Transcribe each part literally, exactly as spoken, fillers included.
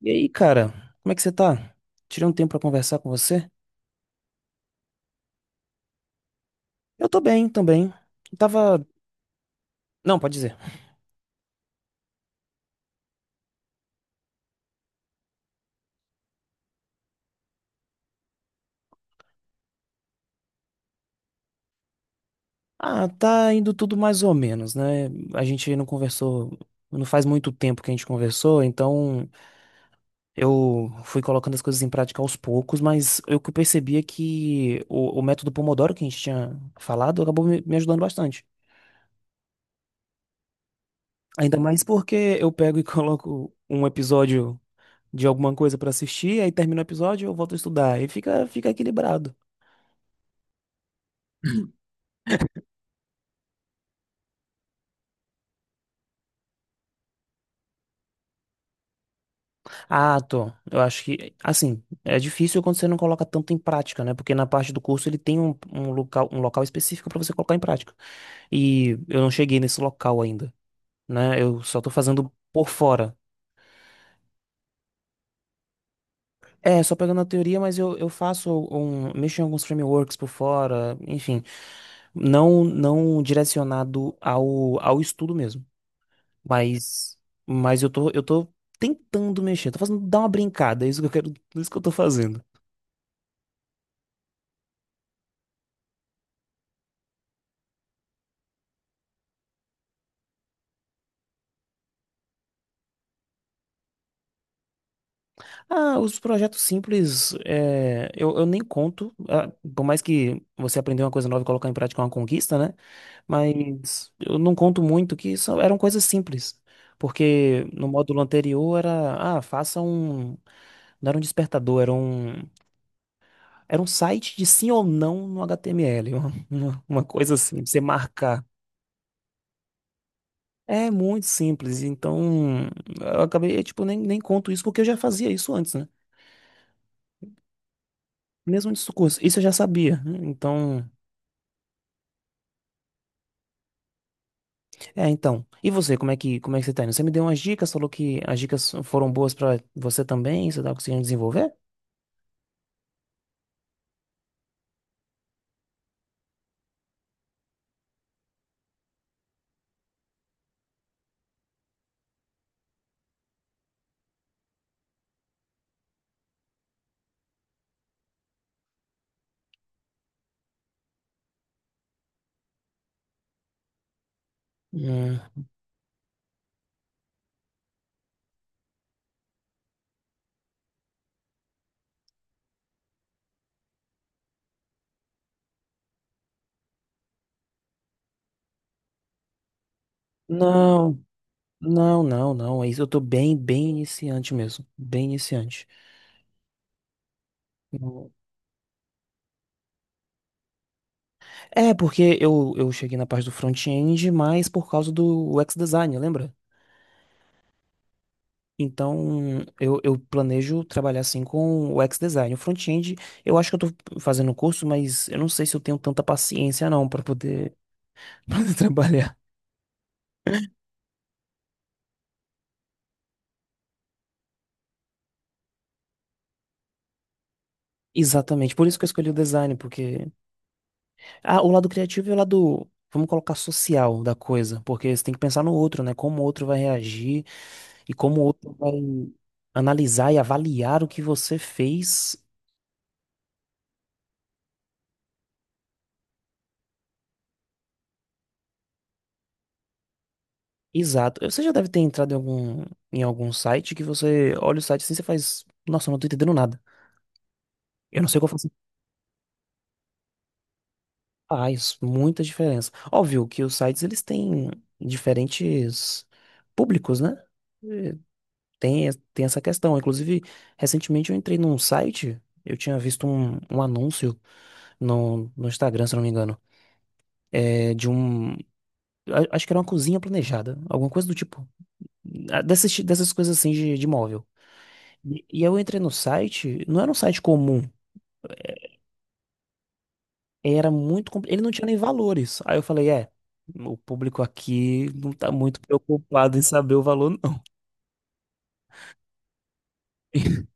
E aí, cara, como é que você tá? Tirei um tempo pra conversar com você? Eu tô bem também. Eu tava. Não, pode dizer. Ah, tá indo tudo mais ou menos, né? A gente não conversou. Não faz muito tempo que a gente conversou, então eu fui colocando as coisas em prática aos poucos, mas eu que percebi é que o, o método Pomodoro que a gente tinha falado acabou me me ajudando bastante. Ainda mais porque eu pego e coloco um episódio de alguma coisa pra assistir, aí termina o episódio, eu volto a estudar, e fica, fica equilibrado. Ah, tô. Eu acho que, assim, é difícil quando você não coloca tanto em prática, né? Porque na parte do curso ele tem um, um local, um local específico pra você colocar em prática. E eu não cheguei nesse local ainda, né? Eu só tô fazendo por fora. É, só pegando a teoria, mas eu, eu faço um, mexo em alguns frameworks por fora, enfim. Não, não direcionado ao, ao estudo mesmo, mas, mas eu tô, eu tô tentando mexer, tô fazendo, dar uma brincada, é isso que eu quero, é isso que eu tô fazendo. Ah, os projetos simples, é, eu, eu nem conto, ah, por mais que você aprender uma coisa nova e colocar em prática é uma conquista, né? Mas eu não conto muito que são, eram coisas simples, porque no módulo anterior era, ah, faça um, não era um despertador, era um, era um site de sim ou não no H T M L, uma, uma uma coisa assim, pra você marcar. É muito simples, então eu acabei, tipo, nem, nem conto isso porque eu já fazia isso antes, né? Mesmo antes do curso, isso eu já sabia, né? Então. É, então. E você, como é que, como é que, você tá indo? Você me deu umas dicas, falou que as dicas foram boas pra você também, você tá conseguindo desenvolver? Hum. Não, não, não, não. É isso, eu tô bem, bem iniciante mesmo. Bem iniciante. É, porque eu, eu cheguei na parte do front-end, mas por causa do U X design, lembra? Então, eu, eu planejo trabalhar assim com o U X design. O front-end, eu acho que eu tô fazendo o curso, mas eu não sei se eu tenho tanta paciência não pra poder, pra poder trabalhar. Exatamente, por isso que eu escolhi o design, porque ah, o lado criativo e o lado, vamos colocar social da coisa, porque você tem que pensar no outro, né? Como o outro vai reagir e como o outro vai analisar e avaliar o que você fez. Exato. Você já deve ter entrado em algum, em algum site que você olha o site assim e você faz. Nossa, eu não tô entendendo nada. Eu não sei o que eu faço. Faz muita diferença. Óbvio que os sites eles têm diferentes públicos, né? Eh, Tem, tem essa questão. Inclusive, recentemente eu entrei num site, eu tinha visto um, um anúncio no, no Instagram, se eu não me engano, é, de um. a- acho que era uma cozinha planejada, alguma coisa do tipo. Ah, Dessas, dessas coisas assim de, de móvel. E e eu entrei no site, não era um site comum, era muito, compli- ele não tinha nem valores. Aí eu falei, é, o público aqui não tá muito preocupado em saber o valor, não.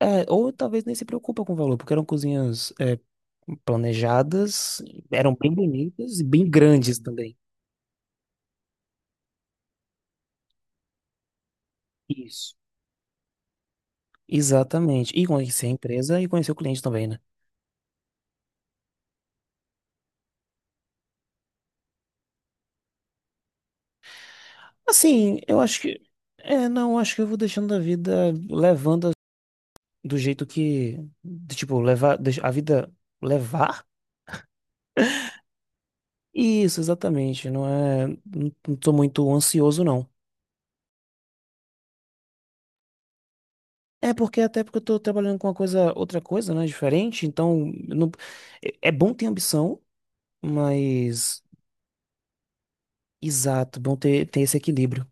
É, ou talvez nem se preocupa com o valor, porque eram cozinhas é, planejadas, eram bem bonitas e bem grandes também. Isso. Exatamente. E conhecer a empresa e conhecer o cliente também, né? Assim, eu acho que. É, não, acho que eu vou deixando a vida levando a- do jeito que. De, tipo, levar. deix- A vida levar? Isso, exatamente. Não é. Não não tô muito ansioso, não. É porque até porque eu tô trabalhando com uma coisa, outra coisa, né? Diferente. Então, eu não, é é bom ter ambição, mas. Exato, bom ter, ter esse equilíbrio.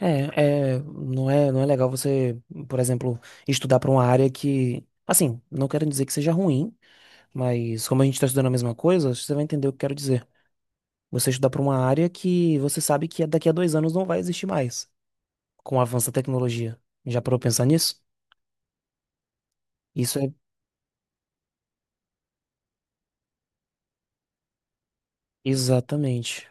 É, é, não é, não é legal você, por exemplo, estudar para uma área que, assim, não quero dizer que seja ruim, mas como a gente está estudando a mesma coisa, você vai entender o que eu quero dizer. Você estudar para uma área que você sabe que daqui a dois anos não vai existir mais, com o avanço da tecnologia. Já parou pra pensar nisso? Isso é exatamente.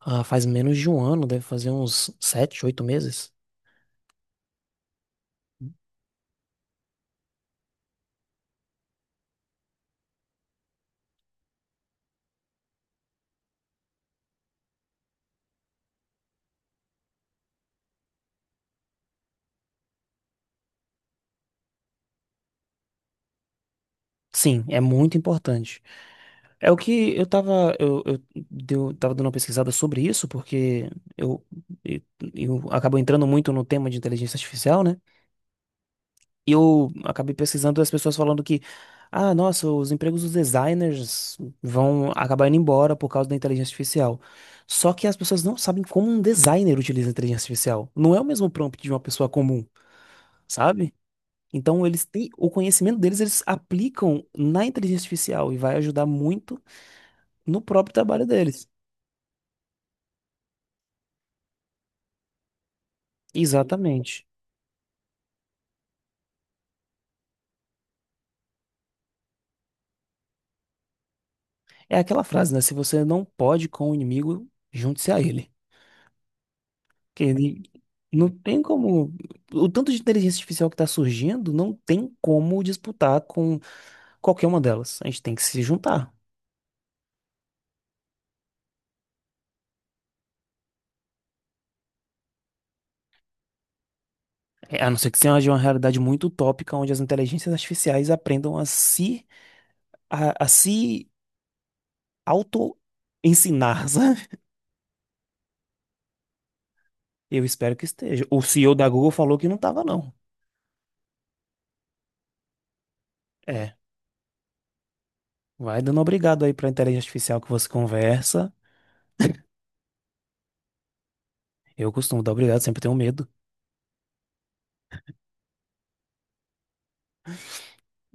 Ah, faz menos de um ano, deve fazer uns sete, oito meses. Sim, é muito importante. É o que eu tava, eu, eu, deu- tava dando uma pesquisada sobre isso, porque eu, eu, eu acabo entrando muito no tema de inteligência artificial, né? E eu acabei pesquisando as pessoas falando que, ah, nossa, os empregos dos designers vão acabar indo embora por causa da inteligência artificial. Só que as pessoas não sabem como um designer utiliza a inteligência artificial. Não é o mesmo prompt de uma pessoa comum, sabe? Então eles têm o conhecimento deles, eles aplicam na inteligência artificial e vai ajudar muito no próprio trabalho deles. Exatamente. É aquela frase, né? Se você não pode com o inimigo, junte-se a ele. Que ele não tem como. O tanto de inteligência artificial que está surgindo, não tem como disputar com qualquer uma delas. A gente tem que se juntar. É, a não ser que seja uma realidade muito utópica, onde as inteligências artificiais aprendam a se, a, a se auto-ensinar, sabe? Eu espero que esteja. O C E O da Google falou que não estava, não. É. Vai dando obrigado aí para a inteligência artificial que você conversa. Eu costumo dar obrigado, sempre tenho medo.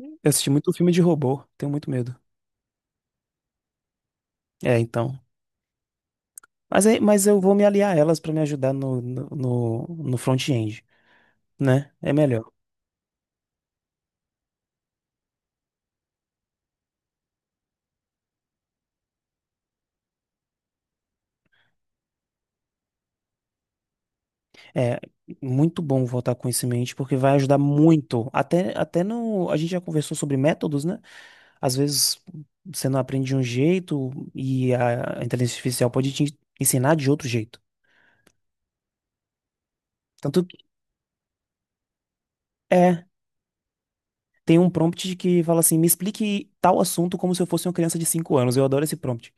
Eu assisti muito filme de robô, tenho muito medo. É, então. Mas, aí, mas eu vou me aliar a elas pra me ajudar no, no, no no front-end, né? É melhor. É muito bom voltar com isso em mente, porque vai ajudar muito. Até, até no. A gente já conversou sobre métodos, né? Às vezes você não aprende de um jeito e a inteligência artificial pode te ensinar de outro jeito. Tanto é. Tem um prompt que fala assim: me explique tal assunto como se eu fosse uma criança de cinco anos. Eu adoro esse prompt.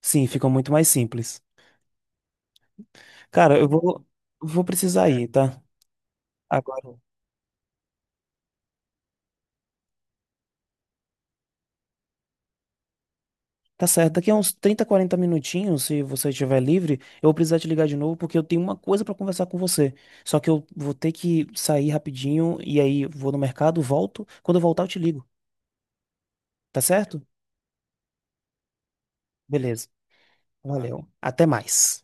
Sim, ficam muito mais simples. Cara, eu vou, vou precisar ir, tá? Agora. Tá certo. Daqui a uns trinta, quarenta minutinhos, se você estiver livre, eu vou precisar te ligar de novo porque eu tenho uma coisa pra conversar com você. Só que eu vou ter que sair rapidinho e aí vou no mercado, volto. Quando eu voltar, eu te ligo. Tá certo? Beleza. Valeu. Até mais.